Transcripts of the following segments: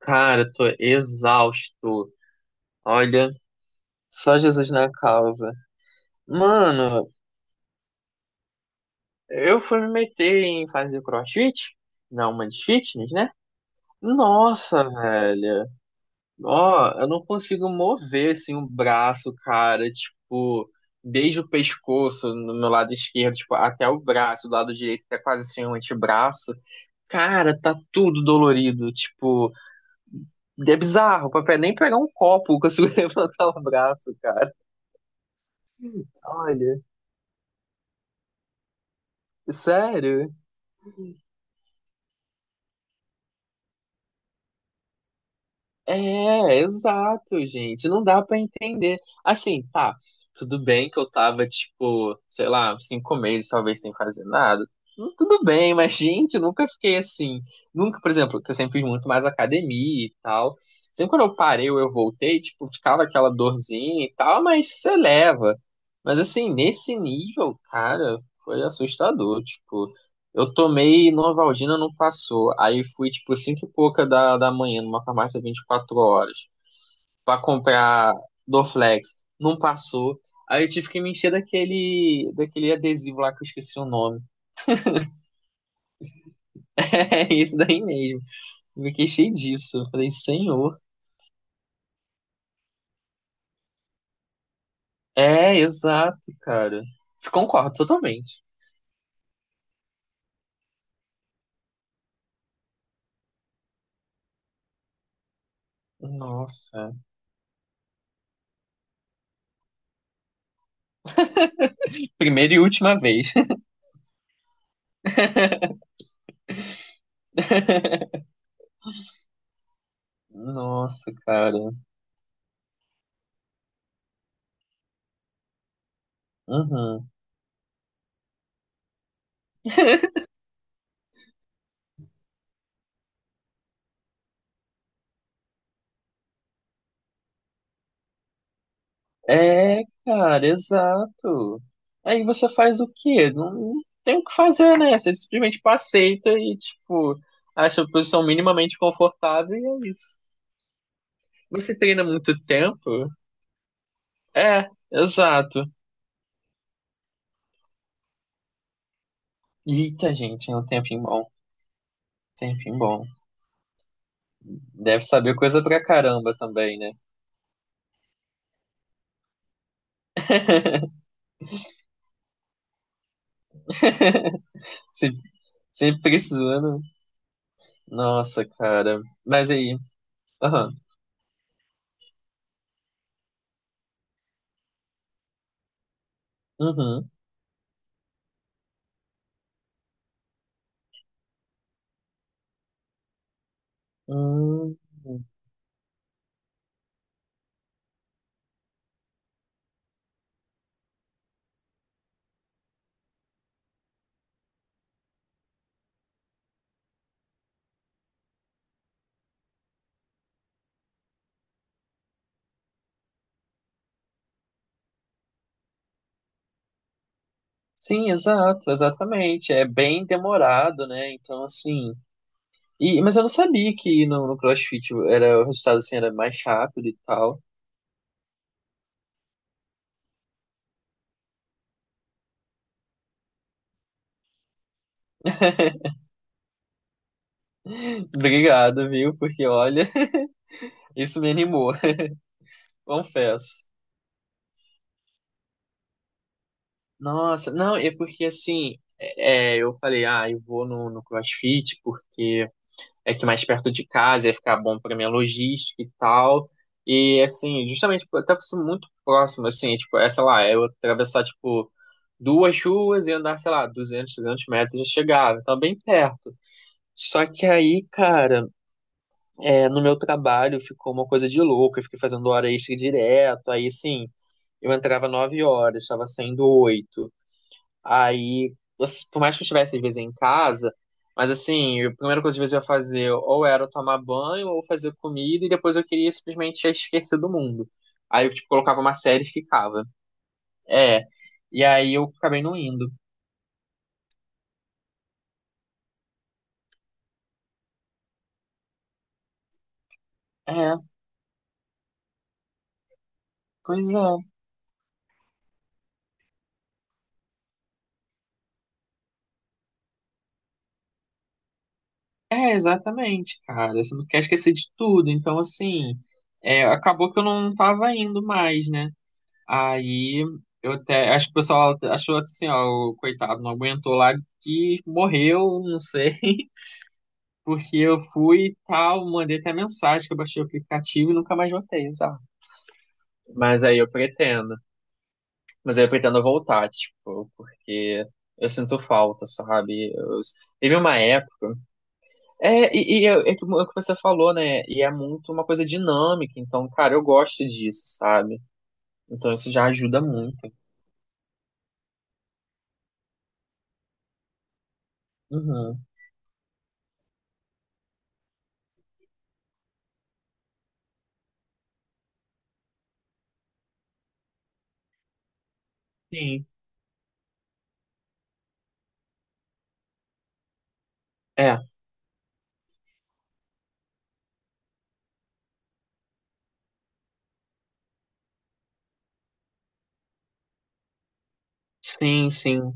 Cara, eu tô exausto. Olha, só Jesus na causa. Mano, eu fui me meter em fazer crossfit, na uma de fitness, né? Nossa, velho. Ó, eu não consigo mover assim o braço, cara, tipo, desde o pescoço no meu lado esquerdo, tipo, até o braço, do lado direito, até quase assim o antebraço. Cara, tá tudo dolorido, tipo, é bizarro, papai, nem pegar um copo eu consigo levantar o braço, cara. Olha. Sério? É, exato, gente. Não dá pra entender. Assim, tá. Tudo bem que eu tava, tipo, sei lá, uns 5 meses talvez sem fazer nada. Tudo bem, mas, gente, eu nunca fiquei assim. Nunca, por exemplo, que eu sempre fiz muito mais academia e tal. Sempre quando eu parei ou eu voltei, tipo, ficava aquela dorzinha e tal, mas você leva. Mas, assim, nesse nível, cara, foi assustador. Tipo, eu tomei Novalgina, não passou. Aí fui, tipo, cinco e pouca da manhã, numa farmácia 24 horas, pra comprar Dorflex. Não passou. Aí eu tive que me encher daquele adesivo lá que eu esqueci o nome. É isso daí mesmo. Eu me queixei disso. Eu falei, senhor. É, exato, cara. Concordo totalmente. Nossa. Primeira e última vez. Nossa, cara. Uhum. É, cara, exato. Aí você faz o quê? Não, não tem o que fazer, né? Você simplesmente aceita e, tipo, acha a posição minimamente confortável e é isso. Você treina muito tempo? É, exato. Eita, gente, é um tempinho bom. Tempinho bom. Deve saber coisa pra caramba também, né? Sempre, sempre precisando. Nossa, cara. Mas aí. Aham. Uhum. Hum. Sim, exato, exatamente. É bem demorado, né? Então, assim. E, mas eu não sabia que no CrossFit era, o resultado assim, era mais rápido e tal. Obrigado, viu? Porque olha, isso me animou, confesso. Nossa, não, é porque assim, eu falei, ah, eu vou no CrossFit porque é que mais perto de casa ia ficar bom para minha logística e tal. E assim, justamente tipo, até por ser muito próximo, assim, é tipo, é, sei lá, eu atravessar tipo duas ruas e andar, sei lá, 200 300 metros e já chegava, então bem perto. Só que aí, cara, é, no meu trabalho ficou uma coisa de louco, eu fiquei fazendo hora extra direto, aí assim, eu entrava 9 horas, estava saindo 8. Aí, assim, por mais que eu estivesse às vezes em casa, mas assim, a primeira coisa que às vezes eu ia fazer ou era tomar banho ou fazer comida e depois eu queria simplesmente já esquecer do mundo. Aí eu tipo, colocava uma série e ficava. É. E aí eu acabei não indo. É, pois é. É, exatamente, cara. Você não quer esquecer de tudo. Então, assim, é, acabou que eu não tava indo mais, né? Aí eu até. Acho que o pessoal achou assim, ó, o coitado, não aguentou lá que morreu, não sei. Porque eu fui e tal, mandei até mensagem que eu baixei o aplicativo e nunca mais voltei, sabe? Mas aí eu pretendo. Mas aí eu pretendo voltar, tipo, porque eu sinto falta, sabe? Eu- Teve uma época. É, e é, é que o que você falou, né? E é muito uma coisa dinâmica, então, cara, eu gosto disso, sabe? Então isso já ajuda muito. Uhum. Sim. É, sim, sim.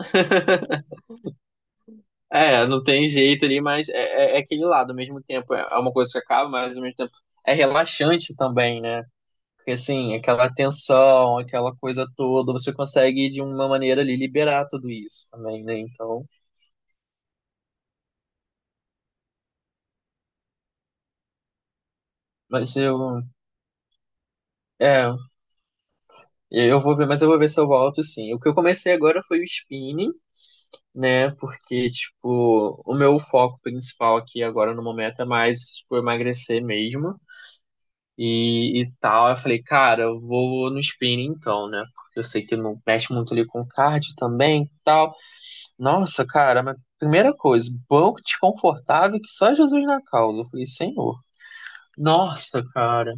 É, não tem jeito ali, mas é, é aquele lado, ao mesmo tempo é uma coisa que acaba, mas ao mesmo tempo é relaxante também, né? Porque assim, aquela tensão, aquela coisa toda, você consegue de uma maneira ali liberar tudo isso também, né? Então, mas eu, é, eu vou ver, mas eu vou ver se eu volto sim. O que eu comecei agora foi o spinning, né? Porque, tipo, o meu foco principal aqui agora no momento é mais, tipo, emagrecer mesmo. E tal. Eu falei, cara, eu vou no spinning então, né? Porque eu sei que não mexe muito ali com cardio também e tal. Nossa, cara, mas primeira coisa, banco desconfortável que só Jesus na causa. Eu falei, Senhor. Nossa, cara,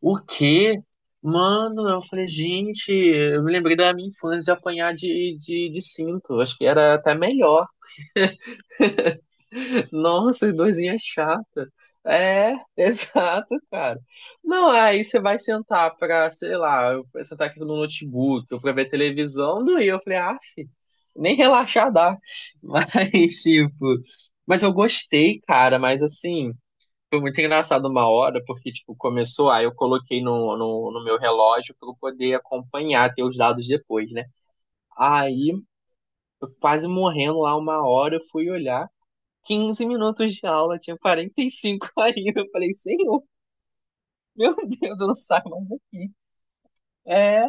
o quê? Mano, eu falei, gente, eu me lembrei da minha infância de apanhar de cinto. Acho que era até melhor. Nossa, doisinha chata. É, exato, cara. Não, aí você vai sentar pra, sei lá, eu vou sentar aqui no notebook, eu pra ver televisão, doía. Eu falei, ah, nem relaxar dá. Mas, tipo, mas eu gostei, cara, mas assim, foi muito engraçado uma hora, porque, tipo, começou, aí eu coloquei no meu relógio pra eu poder acompanhar, ter os dados depois, né? Aí, eu quase morrendo lá uma hora, eu fui olhar. 15 minutos de aula, tinha 45 ainda. Eu falei, senhor, meu Deus, eu não saio mais daqui. É,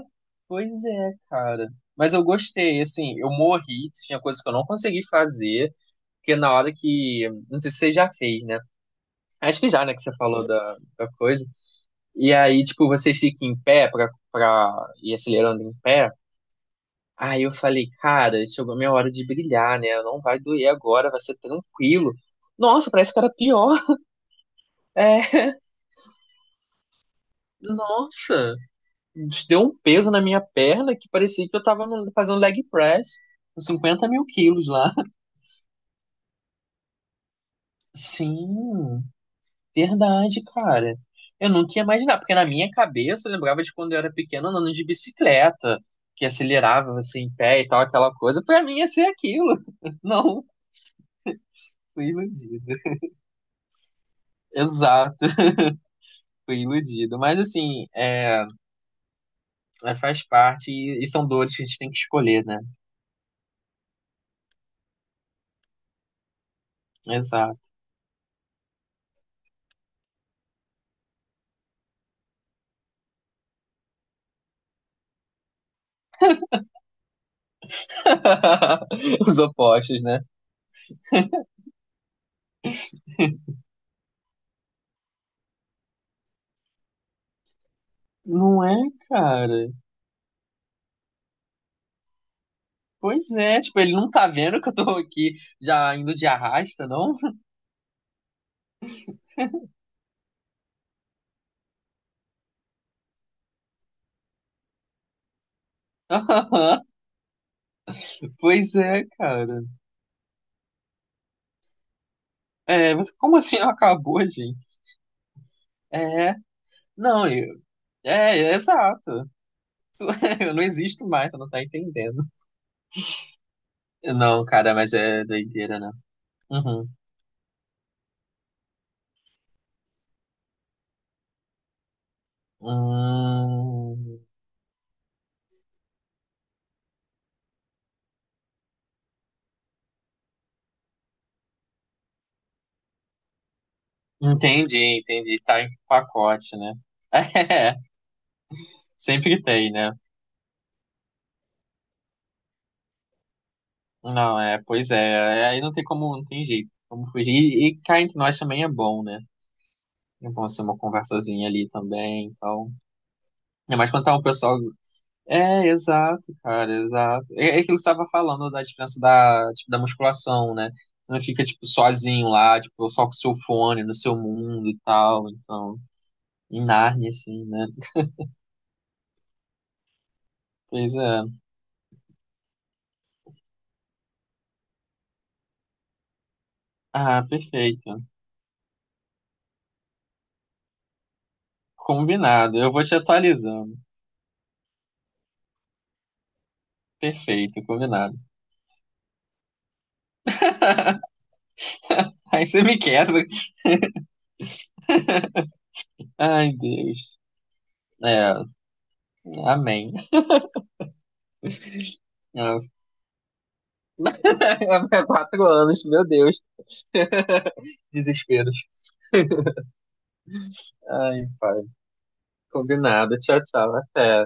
pois é, cara. Mas eu gostei, assim, eu morri, tinha coisas que eu não consegui fazer, porque na hora que. Não sei se você já fez, né? Acho que já, né, que você falou da coisa. E aí, tipo, você fica em pé pra ir acelerando em pé. Aí eu falei, cara, chegou a minha hora de brilhar, né? Não vai doer agora, vai ser tranquilo. Nossa, parece que era pior. É, nossa, deu um peso na minha perna que parecia que eu tava fazendo leg press com 50 mil quilos lá. Sim, verdade, cara. Eu nunca ia imaginar, porque na minha cabeça eu lembrava de quando eu era pequeno andando de bicicleta, que acelerava assim em pé e tal, aquela coisa. Pra mim ia ser aquilo. Não, fui iludido. Exato, fui iludido. Mas assim, faz parte e são dores que a gente tem que escolher, né? Exato. Os opostos, né? Não é, cara? Pois é, tipo, ele não tá vendo que eu tô aqui já indo de arrasta, não? Pois é, cara. É, mas como assim acabou, gente? É, não, eu, é exato. Eu não existo mais, você não tá entendendo. Não, cara, mas é doideira, né? Uhum. Hum, entendi, entendi. Tá em pacote, né? É, sempre tem, né? Não, é, pois é, é, aí não tem como, não tem jeito, como fugir. E cá entre nós também é bom, né? É bom ser uma conversazinha ali também, então. É mais quando tá um pessoal. É, exato, cara, exato. É aquilo que você tava falando da diferença da, tipo, da musculação, né? Você não fica, tipo, sozinho lá, tipo, só com o seu fone, no seu mundo e tal, então. Em Nárnia, assim, né? Pois é. Ah, perfeito. Combinado. Eu vou te atualizando. Perfeito, combinado. Aí você me quebra. Ai, Deus. É, amém. É. 4 anos, meu Deus. Desesperos. Ai, pai. Combinado. Tchau, tchau. Até.